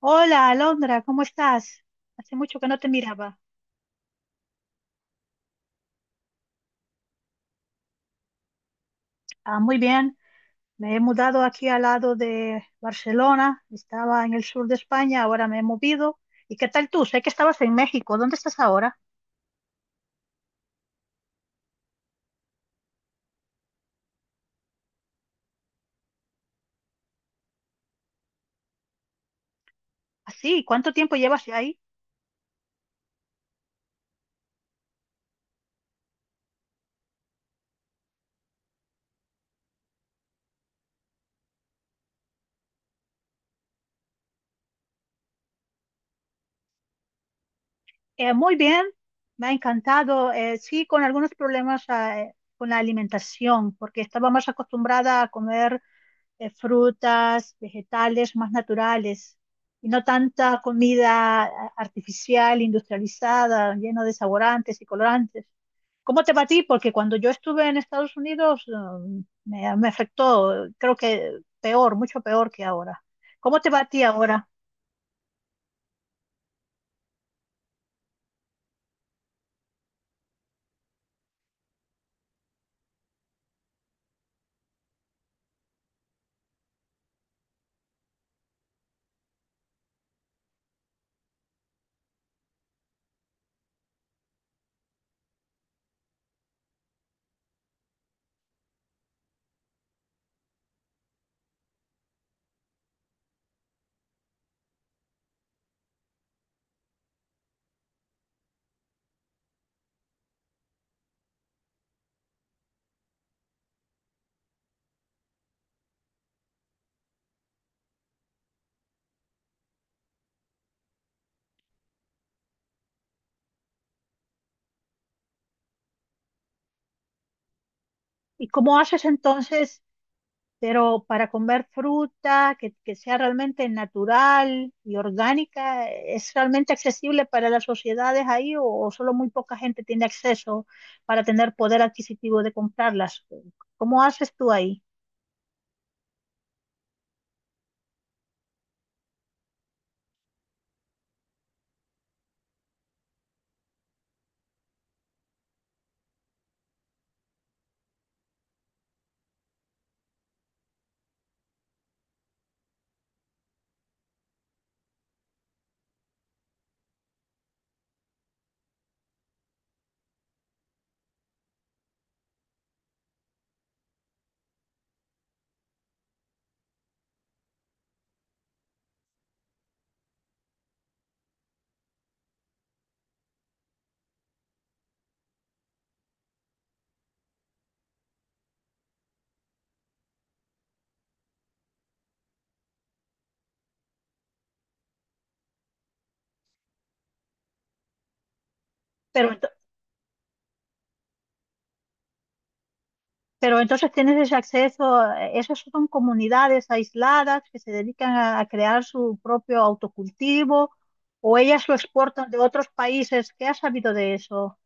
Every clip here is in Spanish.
Hola, Alondra, ¿cómo estás? Hace mucho que no te miraba. Ah, muy bien, me he mudado aquí al lado de Barcelona, estaba en el sur de España, ahora me he movido. ¿Y qué tal tú? Sé que estabas en México, ¿dónde estás ahora? Así, ¿cuánto tiempo llevas ahí? Muy bien, me ha encantado. Sí, con algunos problemas con la alimentación, porque estaba más acostumbrada a comer. Frutas, vegetales más naturales y no tanta comida artificial, industrializada, lleno de saborantes y colorantes. ¿Cómo te va a ti? Porque cuando yo estuve en Estados Unidos, me afectó, creo que peor, mucho peor que ahora. ¿Cómo te va a ti ahora? ¿Y cómo haces entonces pero para comer fruta que sea realmente natural y orgánica? ¿Es realmente accesible para las sociedades ahí o solo muy poca gente tiene acceso para tener poder adquisitivo de comprarlas? ¿Cómo haces tú ahí? Pero, pero entonces tienes ese acceso, esas son comunidades aisladas que se dedican a crear su propio autocultivo o ellas lo exportan de otros países. ¿Qué has sabido de eso?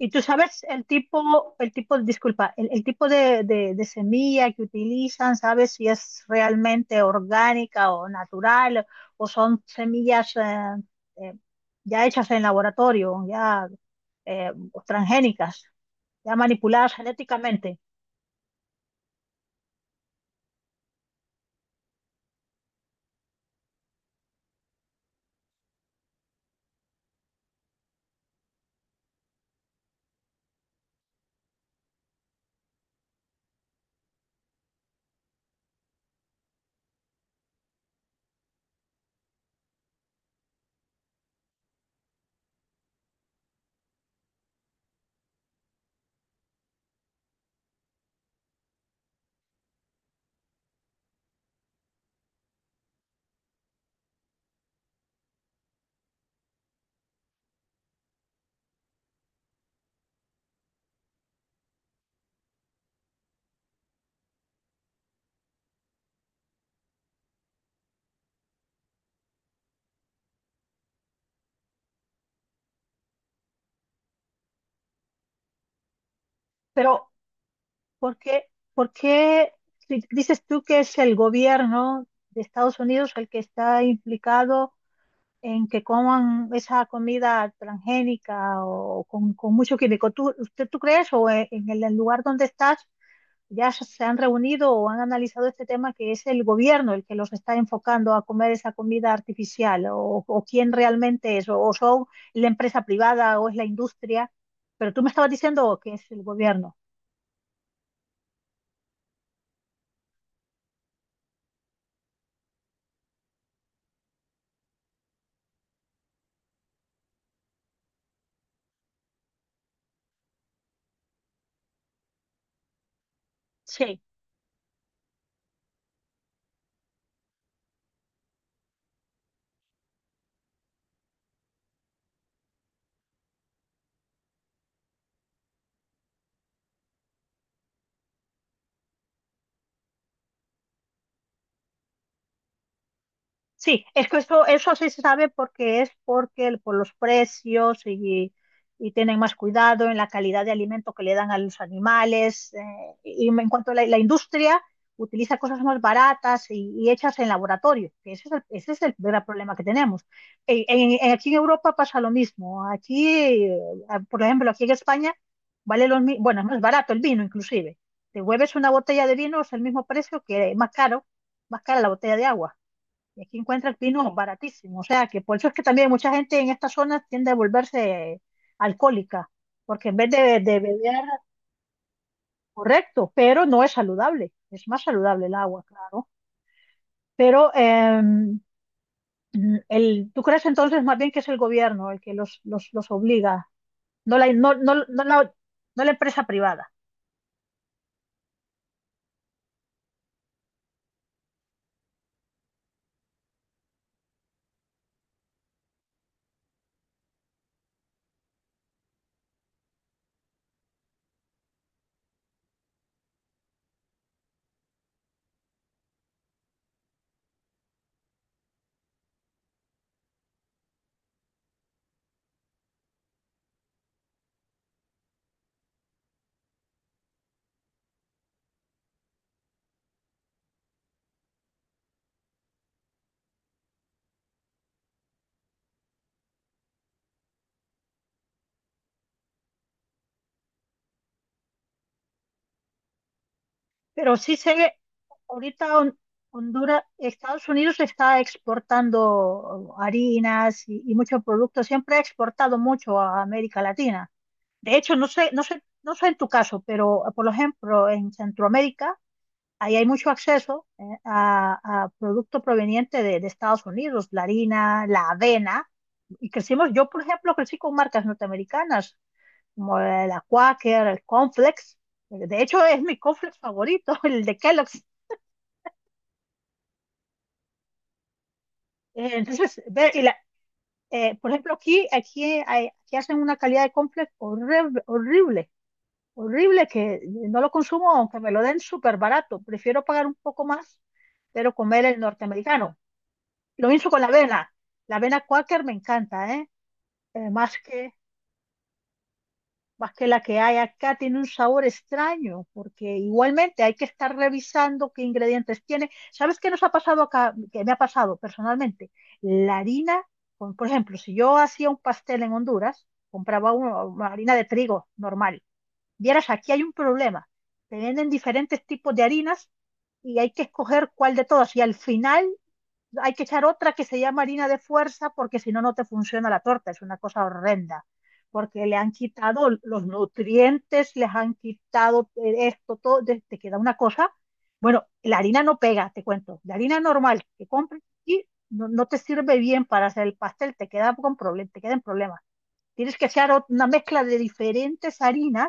Y tú sabes el tipo, disculpa, el tipo de, de semilla que utilizan, ¿sabes si es realmente orgánica o natural o son semillas eh, ya hechas en laboratorio, ya eh, transgénicas, ya manipuladas genéticamente? Pero, ¿por qué, por qué si dices tú que es el gobierno de Estados Unidos el que está implicado en que coman esa comida transgénica o con mucho químico? ¿Tú, usted, ¿tú crees o en el lugar donde estás ya se han reunido o han analizado este tema, que es el gobierno el que los está enfocando a comer esa comida artificial, o quién realmente es o son la empresa privada o es la industria? Pero tú me estabas diciendo que es el gobierno. Sí. Sí, es que eso sí se sabe porque es porque por los precios y tienen más cuidado en la calidad de alimento que le dan a los animales. Y en cuanto a la, la industria, utiliza cosas más baratas y hechas en laboratorio. Que ese es el gran problema que tenemos. Aquí en Europa pasa lo mismo. Aquí, eh, por ejemplo, aquí en España vale lo mismo, bueno, es más barato el vino inclusive. Te vuelves una botella de vino, es el mismo precio que más caro, más cara la botella de agua. Y aquí encuentra vinos baratísimos. O sea, que por eso es que también mucha gente en estas zonas tiende a volverse alcohólica, porque en vez de beber, correcto, pero no es saludable. Es más saludable el agua, claro. Pero el, ¿tú crees entonces más bien que es el gobierno el que los obliga, no la, no, no, no la, no la empresa privada? Pero sí sé que ahorita Honduras, Estados Unidos está exportando harinas y muchos productos. Siempre ha exportado mucho a América Latina. De hecho, no sé, no sé, no sé en tu caso, pero por ejemplo, en Centroamérica, ahí hay mucho acceso, a productos provenientes de Estados Unidos, la harina, la avena. Y crecimos, yo por ejemplo, crecí con marcas norteamericanas, como la Quaker, el Conflex. De hecho, es mi cornflakes favorito, el de Kellogg's. Entonces, ver, por ejemplo, aquí, aquí, aquí hacen una calidad de complex horrible, horrible, horrible, que no lo consumo aunque me lo den súper barato. Prefiero pagar un poco más, pero comer el norteamericano. Lo mismo con la avena. La avena Quaker me encanta, ¿eh? Más que... más que la que hay acá tiene un sabor extraño, porque igualmente hay que estar revisando qué ingredientes tiene. ¿Sabes qué nos ha pasado acá? ¿Qué me ha pasado personalmente? La harina, por ejemplo, si yo hacía un pastel en Honduras, compraba una harina de trigo normal. Vieras, aquí hay un problema. Te venden diferentes tipos de harinas y hay que escoger cuál de todas. Y al final hay que echar otra que se llama harina de fuerza, porque si no, no te funciona la torta, es una cosa horrenda, porque le han quitado los nutrientes, les han quitado esto, todo, te queda una cosa. Bueno, la harina no pega, te cuento, la harina normal que compres y no, no te sirve bien para hacer el pastel, te queda con problemas, te quedan problemas. Tienes que echar una mezcla de diferentes harinas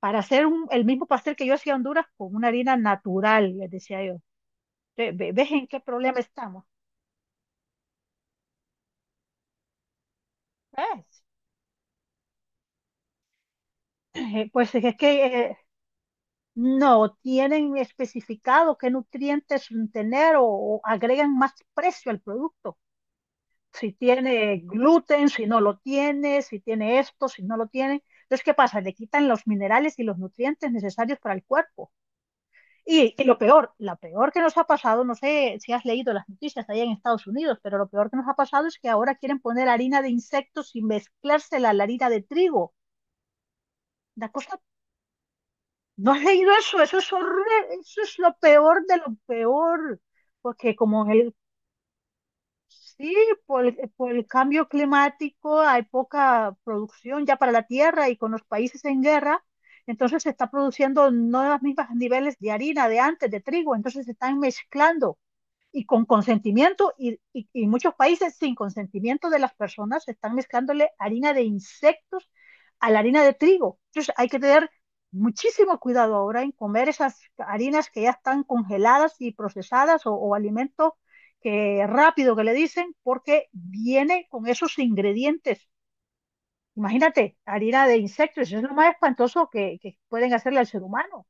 para hacer un, el mismo pastel que yo hacía en Honduras con una harina natural, les decía yo. ¿Ves en qué problema estamos? ¿Ves? Pues es que eh, no tienen especificado qué nutrientes tener, o agregan más precio al producto. Si tiene gluten, si no lo tiene, si tiene esto, si no lo tiene. Entonces, ¿qué pasa? Le quitan los minerales y los nutrientes necesarios para el cuerpo. Y lo peor, la peor que nos ha pasado, no sé si has leído las noticias allá en Estados Unidos, pero lo peor que nos ha pasado es que ahora quieren poner harina de insectos y mezclársela a la harina de trigo. Una cosa. ¿No has leído eso? Eso es horrible, eso es lo peor de lo peor, porque como el, sí, por el cambio climático hay poca producción ya para la tierra y con los países en guerra, entonces se está produciendo no los mismos niveles de harina de antes, de trigo, entonces se están mezclando y con consentimiento, y, muchos países sin consentimiento de las personas están mezclándole harina de insectos a la harina de trigo. Entonces hay que tener muchísimo cuidado ahora en comer esas harinas que ya están congeladas y procesadas o alimentos que rápido que le dicen, porque viene con esos ingredientes. Imagínate, harina de insectos, eso es lo más espantoso que pueden hacerle al ser humano.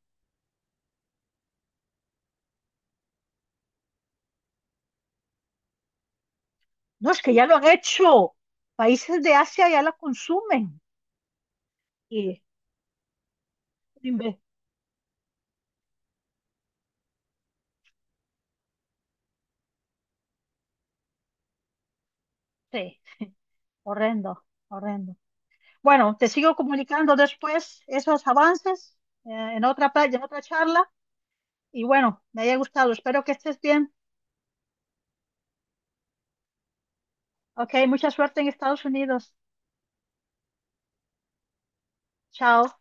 No, es que ya lo han hecho. Países de Asia ya la consumen y Imbe- sí, horrendo, horrendo. Bueno, te sigo comunicando después esos avances, eh, en otra playa, en otra charla. Y bueno, me haya gustado. Espero que estés bien. Ok, mucha suerte en Estados Unidos. Chao.